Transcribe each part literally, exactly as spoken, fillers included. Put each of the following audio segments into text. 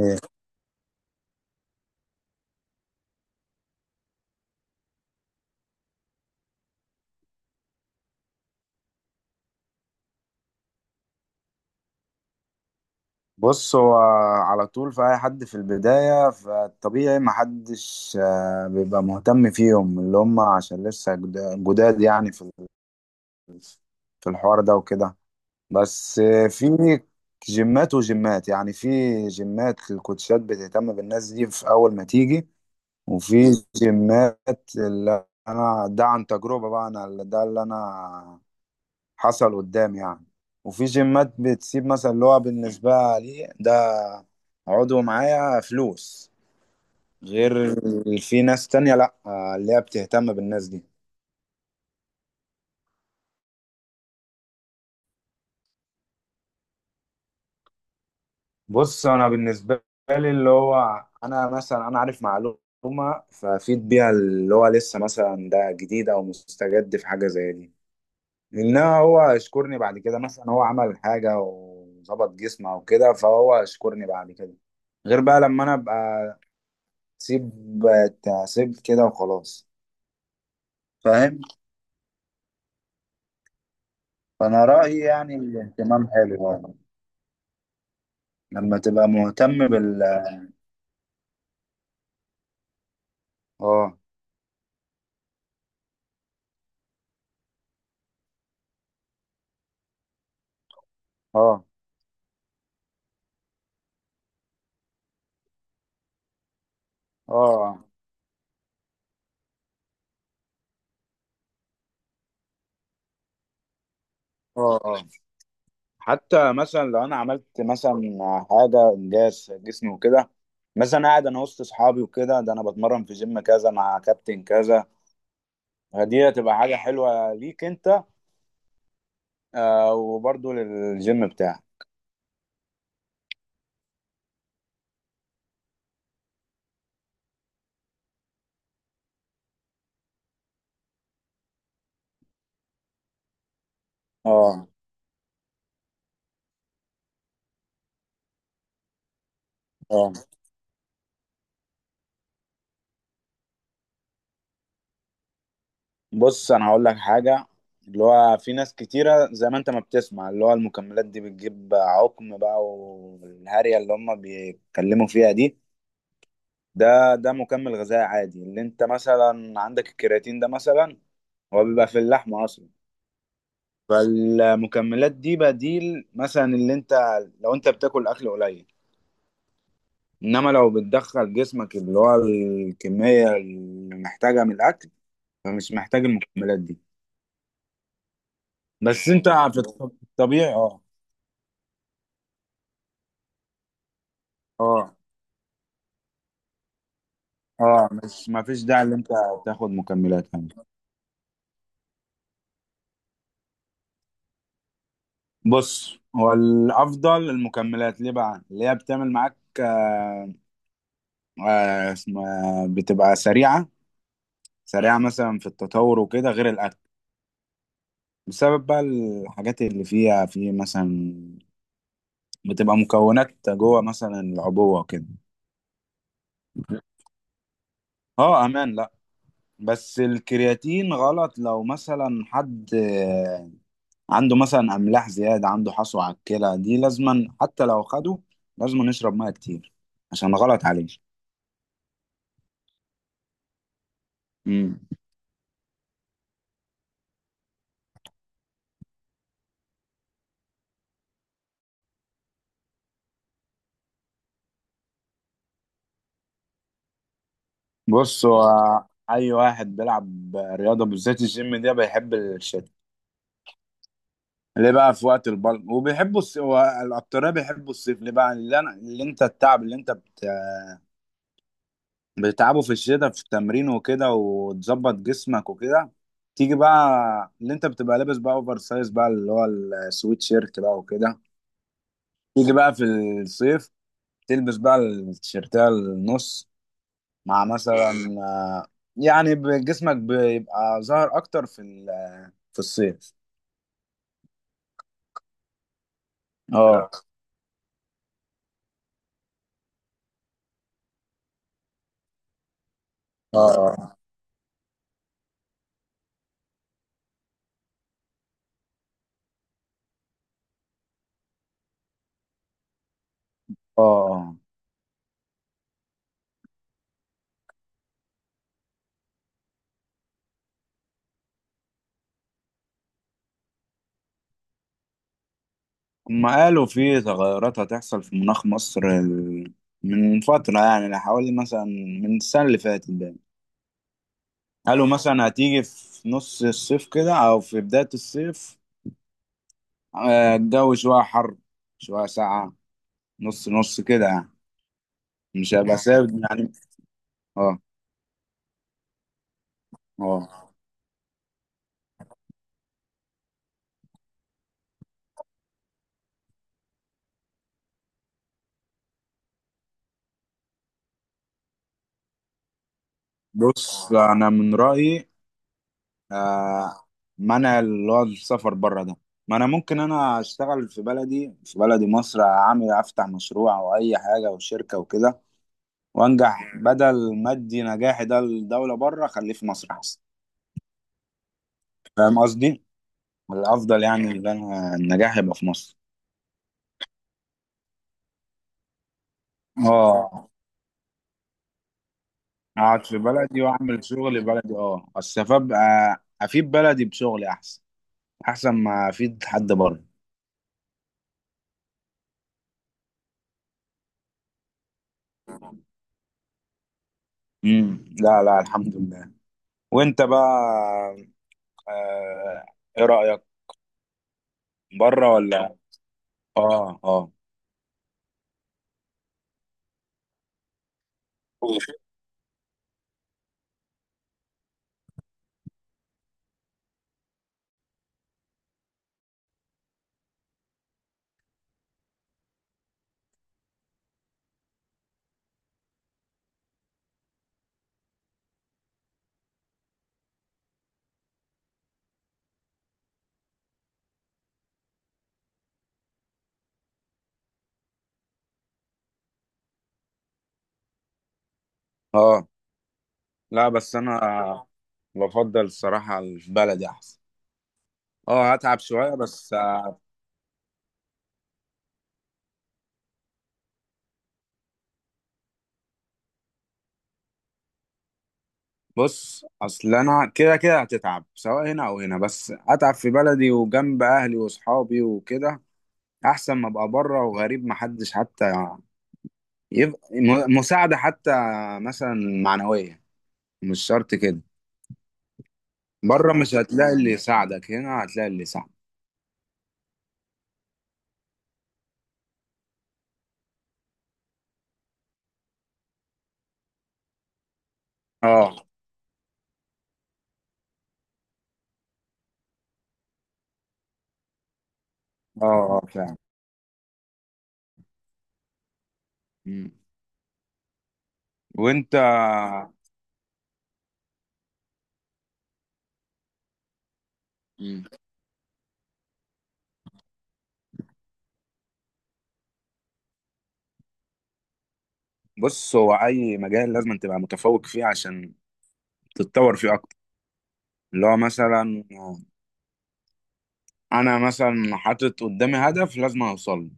إيه. بص هو على طول في اي حد في البداية فالطبيعي ما حدش آه، بيبقى مهتم فيهم اللي هم عشان لسه جد- جداد يعني في ال- في الحوار ده وكده. بس آه، في جيمات وجيمات يعني في جيمات الكوتشات بتهتم بالناس دي في اول ما تيجي. وفي جيمات اللي انا ده عن تجربة بقى، انا ده اللي انا حصل قدام يعني. وفي جيمات بتسيب مثلا اللي هو بالنسبة لي ده عضو معايا فلوس، غير في ناس تانية لأ، آه، اللي هي بتهتم بالناس دي. بص، أنا بالنسبة لي اللي هو أنا مثلا أنا عارف معلومة فأفيد بيها اللي هو لسه مثلا ده جديد أو مستجد في حاجة زي دي. إنما هو يشكرني بعد كده، مثلا هو عمل حاجة وظبط جسمه أو كده فهو يشكرني بعد كده، غير بقى لما أنا أبقى سيب تعسيب كده وخلاص. فاهم. فانا رأيي يعني الاهتمام حلو يعني. لما تبقى مهتم بال اه. اه. اه. اه. اه. حتى مثلا لو انا عملت مثلا حاجة انجاز في جسمي وكده، مثلا قاعد انا وسط اصحابي وكده، ده انا بتمرن في جيم كذا مع كابتن كذا، فدي هتبقى حاجة حلوة ليك انت، آه وبرضه للجيم بتاعك. اه، اه. بص انا هقول لك حاجه، اللي هو في ناس كتيره زي ما انت ما بتسمع اللي هو المكملات دي بتجيب عقم بقى، والهارية اللي هم بيتكلموا فيها دي. ده ده مكمل غذائي عادي. اللي انت مثلا عندك الكرياتين ده مثلا، هو بيبقى في اللحمه اصلا. فالمكملات دي بديل مثلا، اللي انت لو انت بتاكل اكل قليل. انما لو بتدخل جسمك اللي هو الكميه اللي محتاجها من الاكل فمش محتاج المكملات دي. بس انت في الط- الطبيعي. اه، اه، اه. مش ما فيش داعي ان انت تاخد مكملات يعني. بص، هو الافضل المكملات ليه بقى اللي هي بتعمل معاك، آه آه اسمها بتبقى سريعه، سريعه مثلا في التطور وكده غير الاكل، بسبب بقى الحاجات اللي فيها في مثلا، بتبقى مكونات جوه مثلا العبوه وكده. اه، امان. لا، بس الكرياتين غلط لو مثلا حد عنده مثلا املاح زياده، عنده حصوه على الكلى، دي لازما حتى لو خده لازما نشرب ميه كتير عشان غلط عليه. امم. بص، هو اي واحد بيلعب رياضه بالذات الجيم ده بيحب الشتاء. ليه بقى؟ في وقت البلد وبيحبوا الص... الاكتريه بيحبوا الصيف، ليه بقى؟ اللي, أنا... اللي انت التعب اللي انت بت... بتتعبه في الشتاء في التمرين وكده، وتظبط جسمك وكده، تيجي بقى اللي انت بتبقى لابس بقى اوفر سايز بقى، اللي هو السويت شيرت بقى وكده، تيجي بقى في الصيف تلبس بقى التيشيرتات النص، مع مثلا آه، يعني ب- جسمك بيبقى ظاهر اكتر في ال- في الصيف. اه، اه، اه. هما قالوا في تغيرات هتحصل في مناخ مصر ال- من فترة، يعني حوالي مثلا من السنة اللي فاتت بقى. قالوا مثلا هتيجي في نص الصيف كده أو في بداية الصيف، آه، الجو شوية حر، شوية ساقعة، نص نص كده يعني. مش هيبقى ثابت يعني. اه، اه. بص، انا من رايي آه منع اللي هو السفر بره ده. ما انا ممكن انا اشتغل في بلدي، في بلدي مصر، اعمل افتح مشروع او اي حاجه او شركه وكده وانجح، بدل ما ادي نجاحي ده للدوله بره، خليه في مصر احسن. فاهم قصدي. الافضل يعني ان انا النجاح يبقى في مصر. اه، اقعد في بلدي واعمل شغل بلدي، اه اصل ابقى افيد بلدي بشغلي احسن، احسن ما افيد حد بره. امم لا، لا، الحمد لله. وانت بقى، آه ايه رأيك؟ بره ولا؟ اه، اه، اه. لا، بس انا بفضل الصراحة البلدي احسن. اه، هتعب شوية بس، آه، بص، اصل انا كده كده هتتعب سواء هنا او هنا، بس اتعب في بلدي وجنب اهلي واصحابي وكده احسن ما ابقى بره وغريب، محدش حتى يبقى م- مساعدة، حتى مثلا معنوية، مش شرط كده. بره مش هتلاقي اللي يساعدك، هنا هتلاقي اللي يساعدك. اه، اه، اه فعلا. مم. وانت. مم. بص هو اي مجال لازم تبقى متفوق فيه عشان تتطور فيه اكتر. اللي هو مثلا انا مثلا حاطط قدامي هدف لازم اوصل له.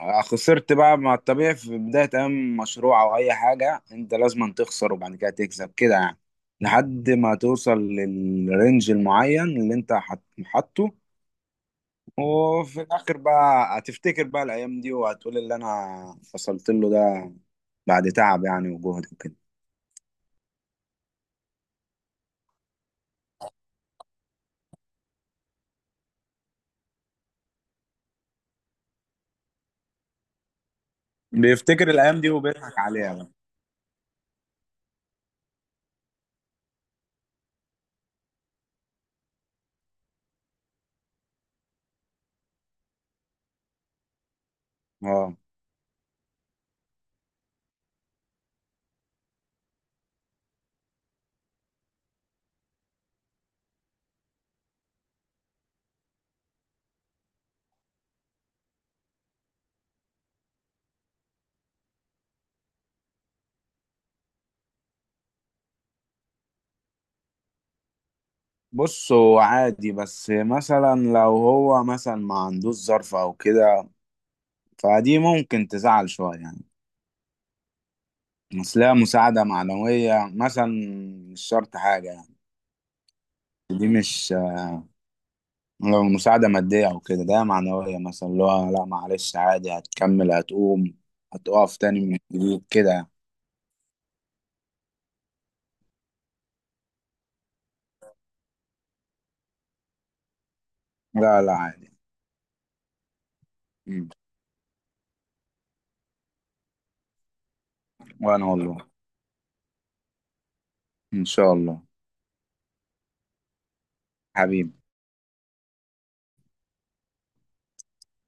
آه، خسرت بقى، مع الطبيعي في بداية اي مشروع او اي حاجة انت لازم تخسر، وبعد كده تكسب كده يعني، لحد ما توصل للرينج المعين اللي انت حط- حاطه. وفي الاخر بقى هتفتكر بقى الايام دي وهتقول اللي انا وصلت له ده بعد تعب يعني وجهد وكده. بيفتكر الأيام دي وبيضحك عليها بقى. اه. بص، هو عادي، بس مثلا لو هو مثلا ما عندوش ظرف أو كده فدي ممكن تزعل شوية يعني. أصلها مساعدة معنوية مثلا، مش شرط حاجة يعني. دي مش آه، لو مساعدة مادية أو كده، ده معنوية مثلا، اللي هو لا معلش، عادي، هتكمل، هتقوم، هتقف تاني من جديد كده يعني. لا، لا، عادي. مم. وأنا والله. إن شاء الله. حبيبي.